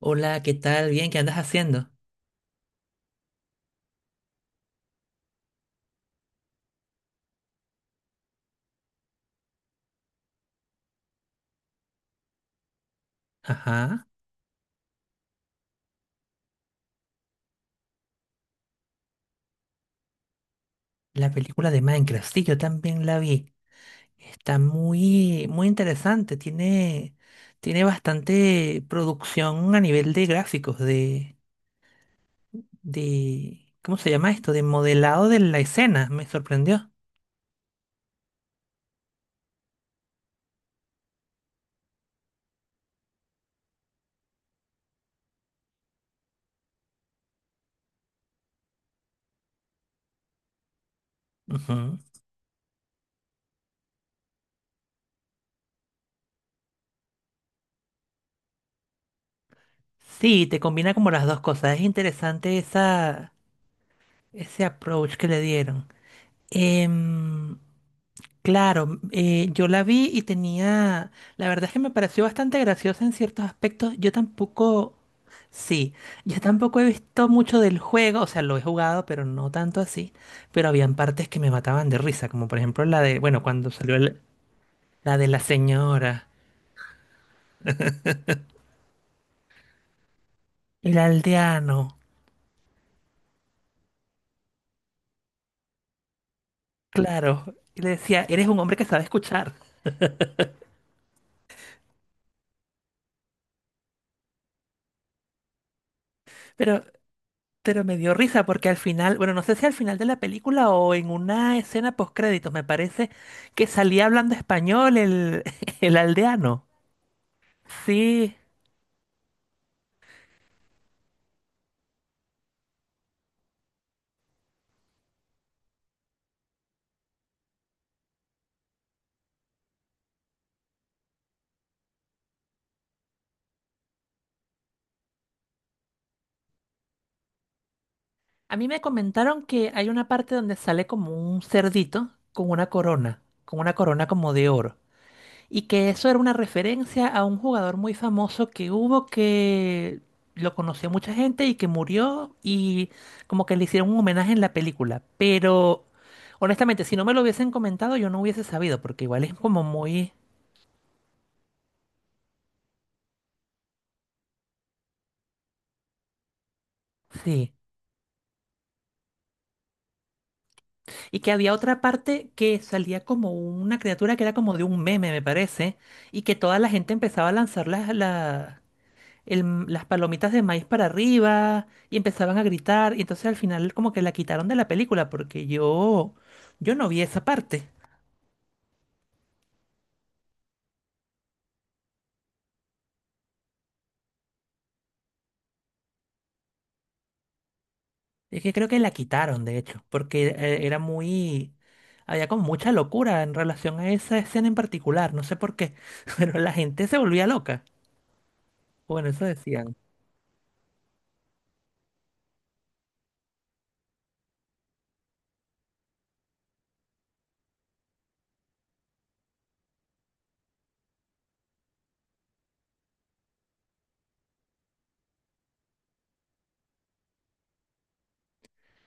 Hola, ¿qué tal? Bien, ¿qué andas haciendo? Ajá, la película de Minecraft, sí, yo también la vi. Está muy, muy interesante, tiene, tiene bastante producción a nivel de gráficos, de, ¿cómo se llama esto? De modelado de la escena, me sorprendió. Ujú. Sí, te combina como las dos cosas, es interesante esa, ese approach que le dieron. Em, Claro, yo la vi y tenía, la verdad es que me pareció bastante graciosa en ciertos aspectos. Yo tampoco, sí, yo tampoco he visto mucho del juego, o sea, lo he jugado, pero no tanto así. Pero habían partes que me mataban de risa, como por ejemplo la de, bueno, cuando salió la de la señora, el aldeano, claro, y le decía, eres un hombre que sabe escuchar. Pero Pero me dio risa porque al final, bueno, no sé si al final de la película o en una escena post créditos, me parece que salía hablando español el, el aldeano. Sí, a mí me comentaron que hay una parte donde sale como un cerdito con una corona como de oro. Y que eso era una referencia a un jugador muy famoso que hubo que lo conoció mucha gente y que murió y como que le hicieron un homenaje en la película. Pero honestamente, si no me lo hubiesen comentado, yo no hubiese sabido, porque igual es como muy... Sí. Y que había otra parte que salía como una criatura que era como de un meme, me parece, y que toda la gente empezaba a lanzar las palomitas de maíz para arriba y empezaban a gritar. Y entonces al final como que la quitaron de la película porque yo no vi esa parte. Es que creo que la quitaron, de hecho, porque era muy... Había como mucha locura en relación a esa escena en particular, no sé por qué, pero la gente se volvía loca. Bueno, eso decían.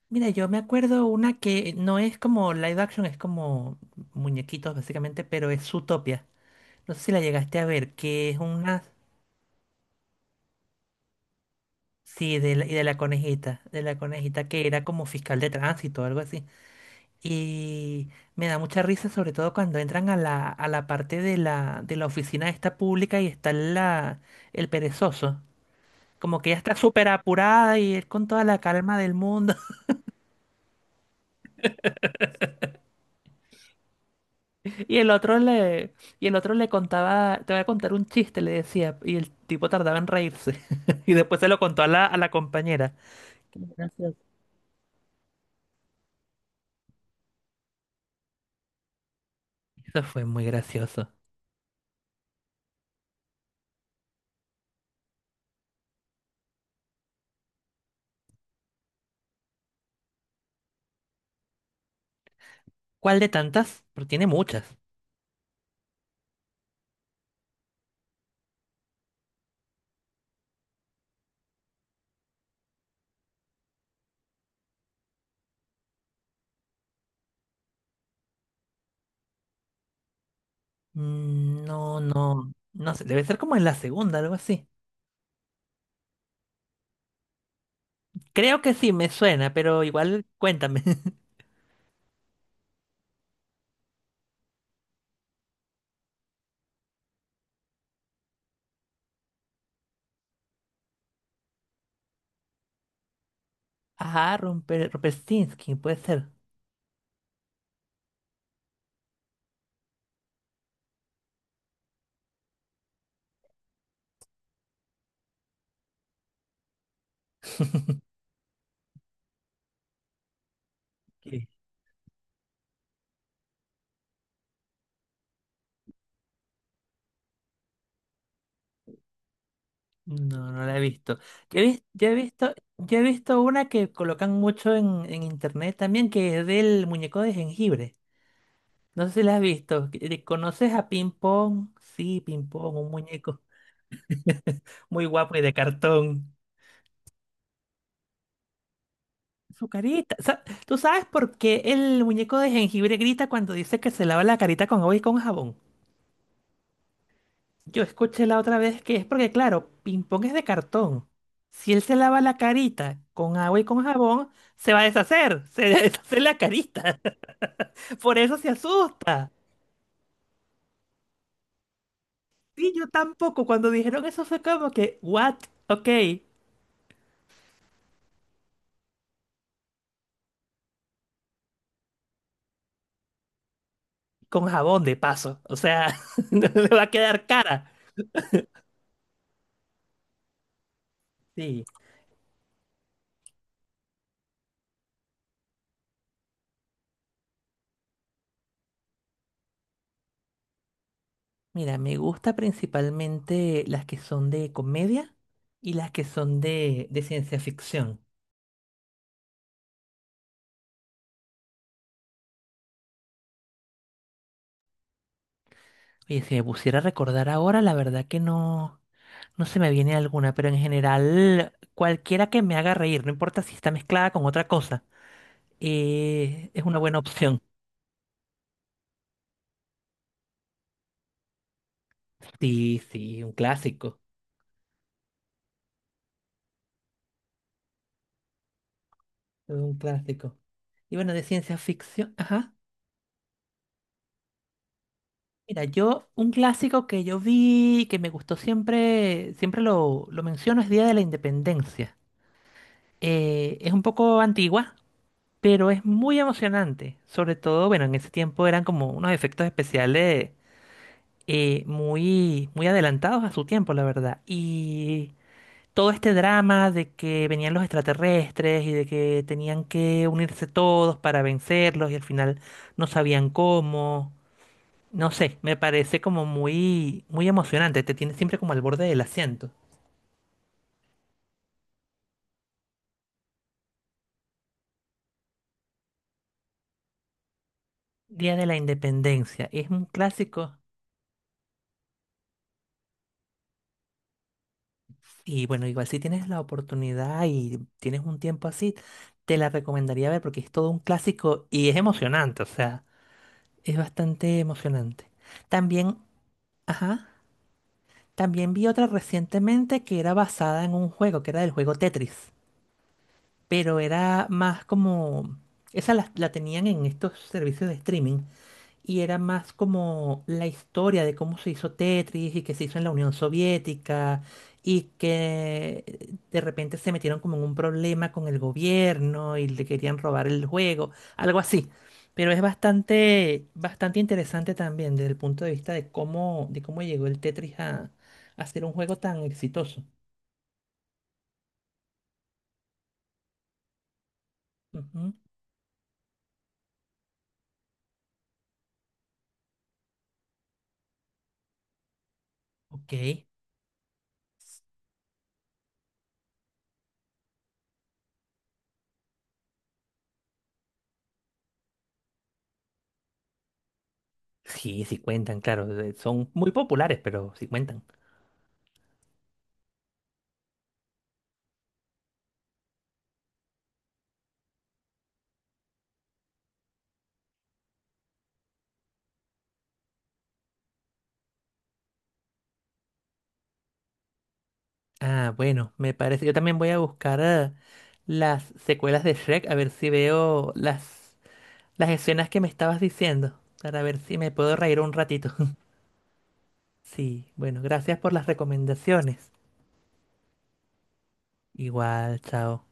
Mira, yo me acuerdo una que no es como live action, es como muñequitos básicamente, pero es Zootopia. No sé si la llegaste a ver, que es una... Sí, de la, y de la conejita que era como fiscal de tránsito o algo así. Y me da mucha risa, sobre todo cuando entran a la parte de la oficina esta pública y está la, el perezoso. Como que ella está súper apurada y él con toda la calma del mundo. Y el otro le, y el otro le contaba, te voy a contar un chiste, le decía, y el tipo tardaba en reírse. Y después se lo contó a la compañera. Qué gracioso. Eso fue muy gracioso. ¿Cuál de tantas? Porque tiene muchas. Mm, no, no, no sé, debe ser como en la segunda, algo así. Creo que sí, me suena, pero igual cuéntame. Ajá, Romper, Rumpelstiltskin, puede ser. ¿Qué? No, no la he visto. Yo he visto una que colocan mucho en internet también, que es del muñeco de jengibre. No sé si la has visto. ¿Conoces a Ping Pong? Sí, Ping Pong, un muñeco muy guapo y de cartón. Su carita. ¿Tú sabes por qué el muñeco de jengibre grita cuando dice que se lava la carita con agua y con jabón? Yo escuché la otra vez que es porque, claro, ping pong es de cartón. Si él se lava la carita con agua y con jabón, se va a deshacer, se deshace la carita. Por eso se asusta. Sí, yo tampoco. Cuando dijeron eso fue como que, what? Ok, con jabón de paso. O sea, no le va a quedar cara. Sí. Mira, me gusta principalmente las que son de comedia y las que son de ciencia ficción. Oye, si me pusiera a recordar ahora, la verdad que no, no se me viene alguna, pero en general, cualquiera que me haga reír, no importa si está mezclada con otra cosa, es una buena opción. Sí, sí, un clásico, un clásico. Y bueno, de ciencia ficción, ajá. Mira, yo, un clásico que yo vi, que me gustó siempre, siempre lo menciono, es Día de la Independencia. Es un poco antigua, pero es muy emocionante. Sobre todo, bueno, en ese tiempo eran como unos efectos especiales muy, muy adelantados a su tiempo, la verdad. Y todo este drama de que venían los extraterrestres y de que tenían que unirse todos para vencerlos y al final no sabían cómo. No sé, me parece como muy, muy emocionante. Te tiene siempre como al borde del asiento. Día de la Independencia. Es un clásico. Y bueno, igual si tienes la oportunidad y tienes un tiempo así, te la recomendaría ver porque es todo un clásico y es emocionante, o sea, es bastante emocionante. También, ajá, también vi otra recientemente que era basada en un juego, que era del juego Tetris, pero era más como, esa la, la tenían en estos servicios de streaming y era más como la historia de cómo se hizo Tetris y que se hizo en la Unión Soviética y que de repente se metieron como en un problema con el gobierno y le querían robar el juego, algo así. Pero es bastante, bastante interesante también desde el punto de vista de cómo llegó el Tetris a ser un juego tan exitoso. Ujú, ok. Sí, sí cuentan, claro. Son muy populares, pero sí cuentan. Ah, bueno, me parece. Yo también voy a buscar las secuelas de Shrek, a ver si veo las escenas que me estabas diciendo, para ver si me puedo reír un ratito. Sí, bueno, gracias por las recomendaciones. Igual, chao.